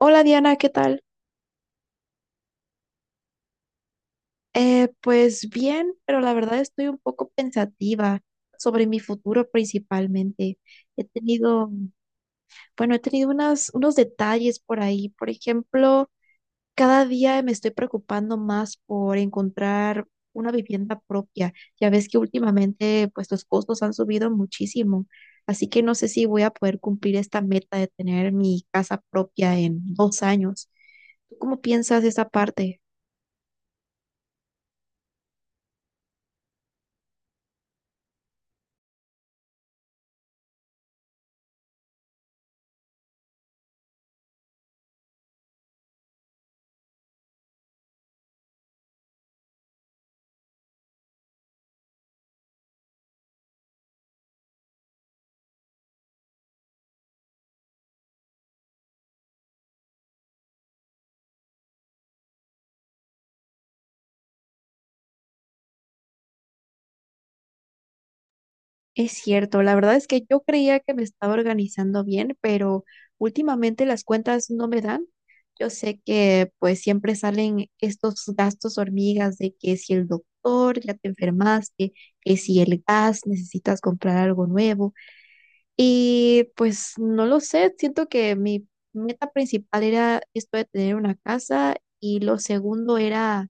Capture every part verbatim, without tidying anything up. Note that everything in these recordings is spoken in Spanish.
Hola Diana, ¿qué tal? Eh, pues bien, pero la verdad estoy un poco pensativa sobre mi futuro principalmente. He tenido, bueno, he tenido unas, unos detalles por ahí. Por ejemplo, cada día me estoy preocupando más por encontrar una vivienda propia. Ya ves que últimamente pues los costos han subido muchísimo, así que no sé si voy a poder cumplir esta meta de tener mi casa propia en dos años. ¿Tú cómo piensas esa parte? Es cierto, la verdad es que yo creía que me estaba organizando bien, pero últimamente las cuentas no me dan. Yo sé que pues siempre salen estos gastos hormigas de que si el doctor ya te enfermaste, que si el gas necesitas comprar algo nuevo. Y pues no lo sé, siento que mi meta principal era esto de tener una casa y lo segundo era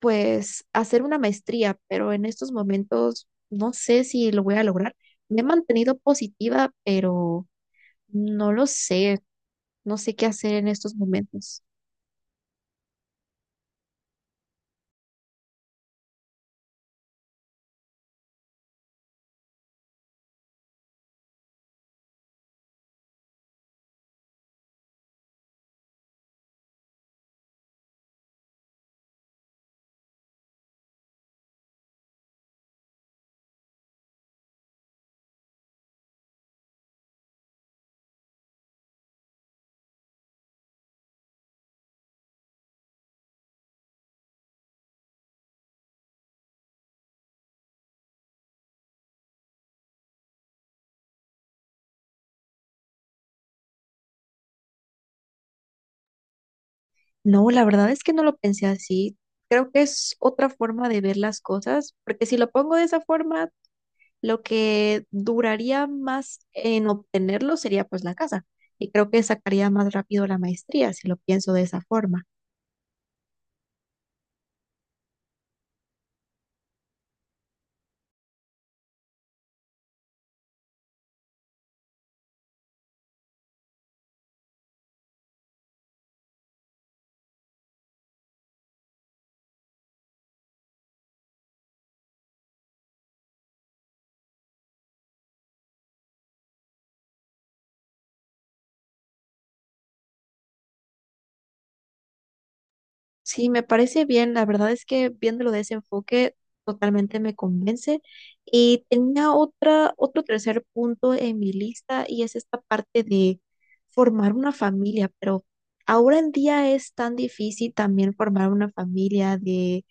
pues hacer una maestría, pero en estos momentos no sé si lo voy a lograr. Me he mantenido positiva, pero no lo sé, no sé qué hacer en estos momentos. No, la verdad es que no lo pensé así. Creo que es otra forma de ver las cosas, porque si lo pongo de esa forma, lo que duraría más en obtenerlo sería pues la casa. Y creo que sacaría más rápido la maestría si lo pienso de esa forma. Sí, me parece bien. La verdad es que viéndolo de ese enfoque totalmente me convence. Y tenía otra, otro tercer punto en mi lista y es esta parte de formar una familia, pero ahora en día es tan difícil también formar una familia de,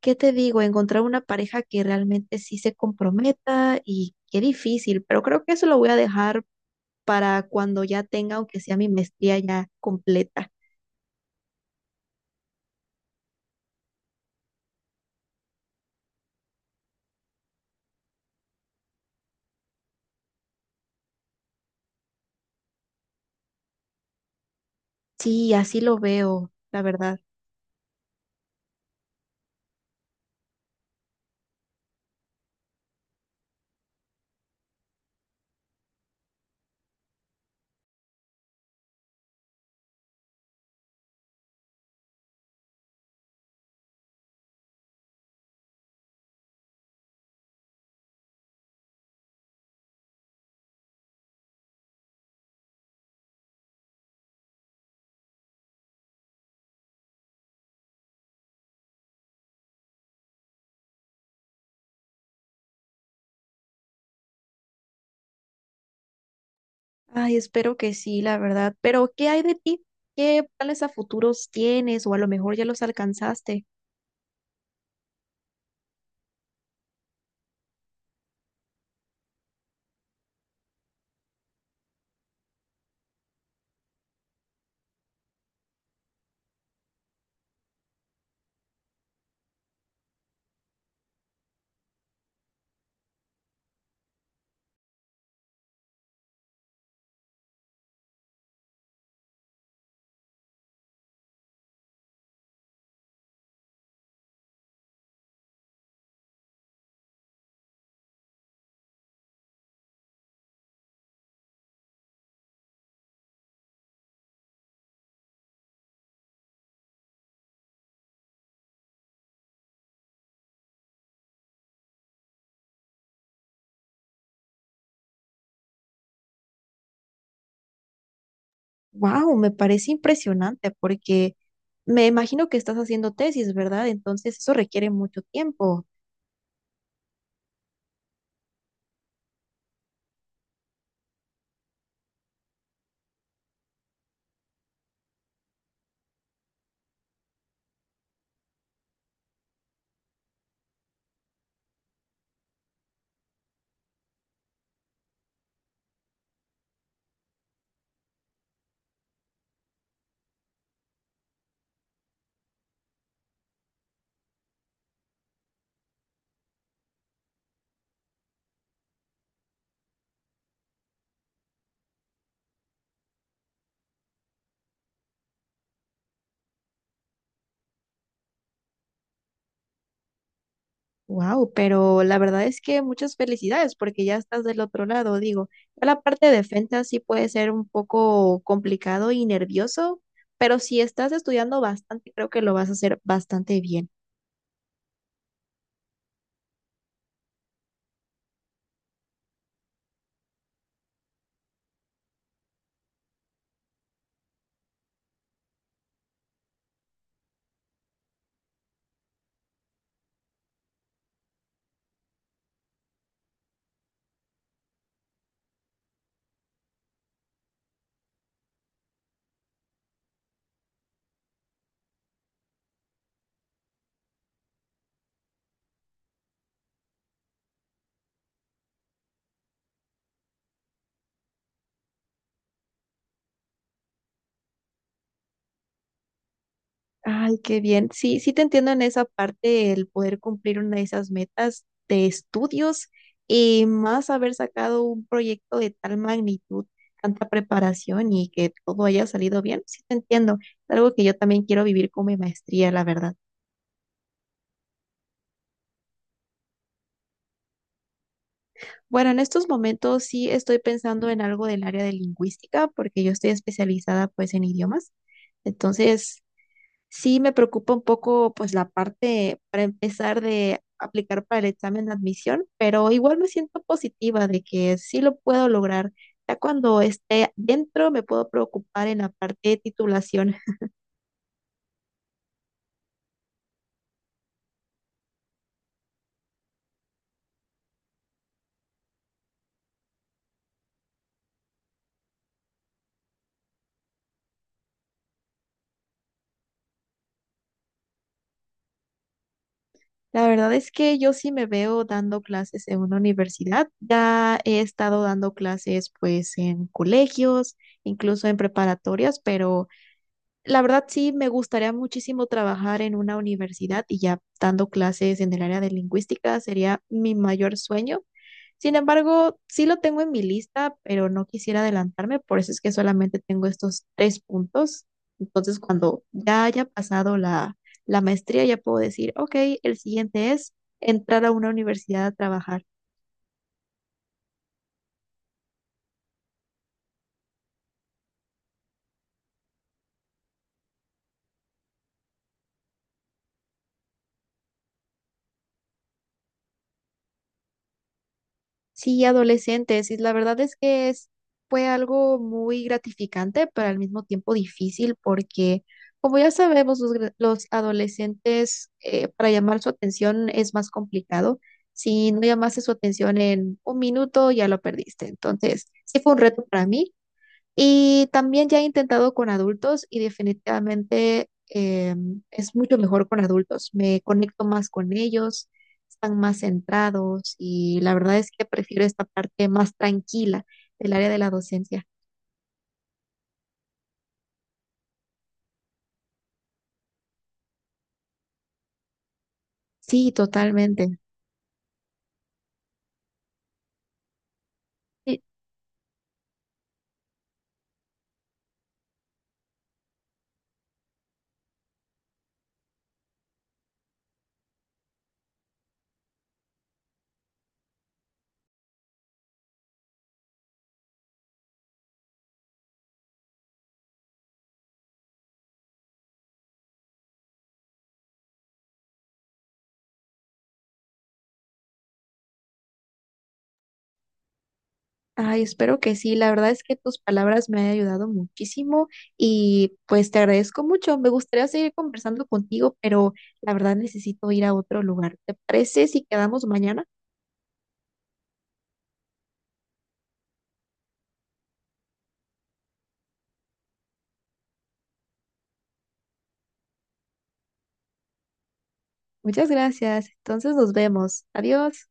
¿qué te digo? Encontrar una pareja que realmente sí se comprometa y qué difícil, pero creo que eso lo voy a dejar para cuando ya tenga, aunque sea mi maestría ya completa. Sí, así lo veo, la verdad. Ay, espero que sí, la verdad. Pero, ¿qué hay de ti? ¿Qué planes a futuros tienes? O a lo mejor ya los alcanzaste. Wow, me parece impresionante porque me imagino que estás haciendo tesis, ¿verdad? Entonces eso requiere mucho tiempo. Wow, pero la verdad es que muchas felicidades porque ya estás del otro lado, digo. Ya la parte de defensa sí puede ser un poco complicado y nervioso, pero si estás estudiando bastante, creo que lo vas a hacer bastante bien. Ay, qué bien. Sí, sí te entiendo en esa parte, el poder cumplir una de esas metas de estudios y más haber sacado un proyecto de tal magnitud, tanta preparación y que todo haya salido bien. Sí te entiendo. Es algo que yo también quiero vivir con mi maestría, la verdad. Bueno, en estos momentos sí estoy pensando en algo del área de lingüística porque yo estoy especializada pues en idiomas. Entonces, sí, me preocupa un poco, pues, la parte para empezar de aplicar para el examen de admisión, pero igual me siento positiva de que sí lo puedo lograr. Ya cuando esté dentro me puedo preocupar en la parte de titulación. La verdad es que yo sí me veo dando clases en una universidad. Ya he estado dando clases, pues, en colegios, incluso en preparatorias, pero la verdad sí, me gustaría muchísimo trabajar en una universidad y ya dando clases en el área de lingüística sería mi mayor sueño. Sin embargo, sí lo tengo en mi lista, pero no quisiera adelantarme, por eso es que solamente tengo estos tres puntos. Entonces, cuando ya haya pasado la, la maestría, ya puedo decir, ok, el siguiente es entrar a una universidad a trabajar. Sí, adolescentes, y la verdad es que es, fue algo muy gratificante, pero al mismo tiempo difícil, porque como ya sabemos, los, gra- los adolescentes, eh, para llamar su atención es más complicado. Si no llamaste su atención en un minuto, ya lo perdiste. Entonces, sí fue un reto para mí. Y también ya he intentado con adultos y definitivamente eh, es mucho mejor con adultos. Me conecto más con ellos, están más centrados y la verdad es que prefiero esta parte más tranquila del área de la docencia. Sí, totalmente. Sí. Ay, espero que sí. La verdad es que tus palabras me han ayudado muchísimo y pues te agradezco mucho. Me gustaría seguir conversando contigo, pero la verdad necesito ir a otro lugar. ¿Te parece si quedamos mañana? Muchas gracias. Entonces nos vemos. Adiós.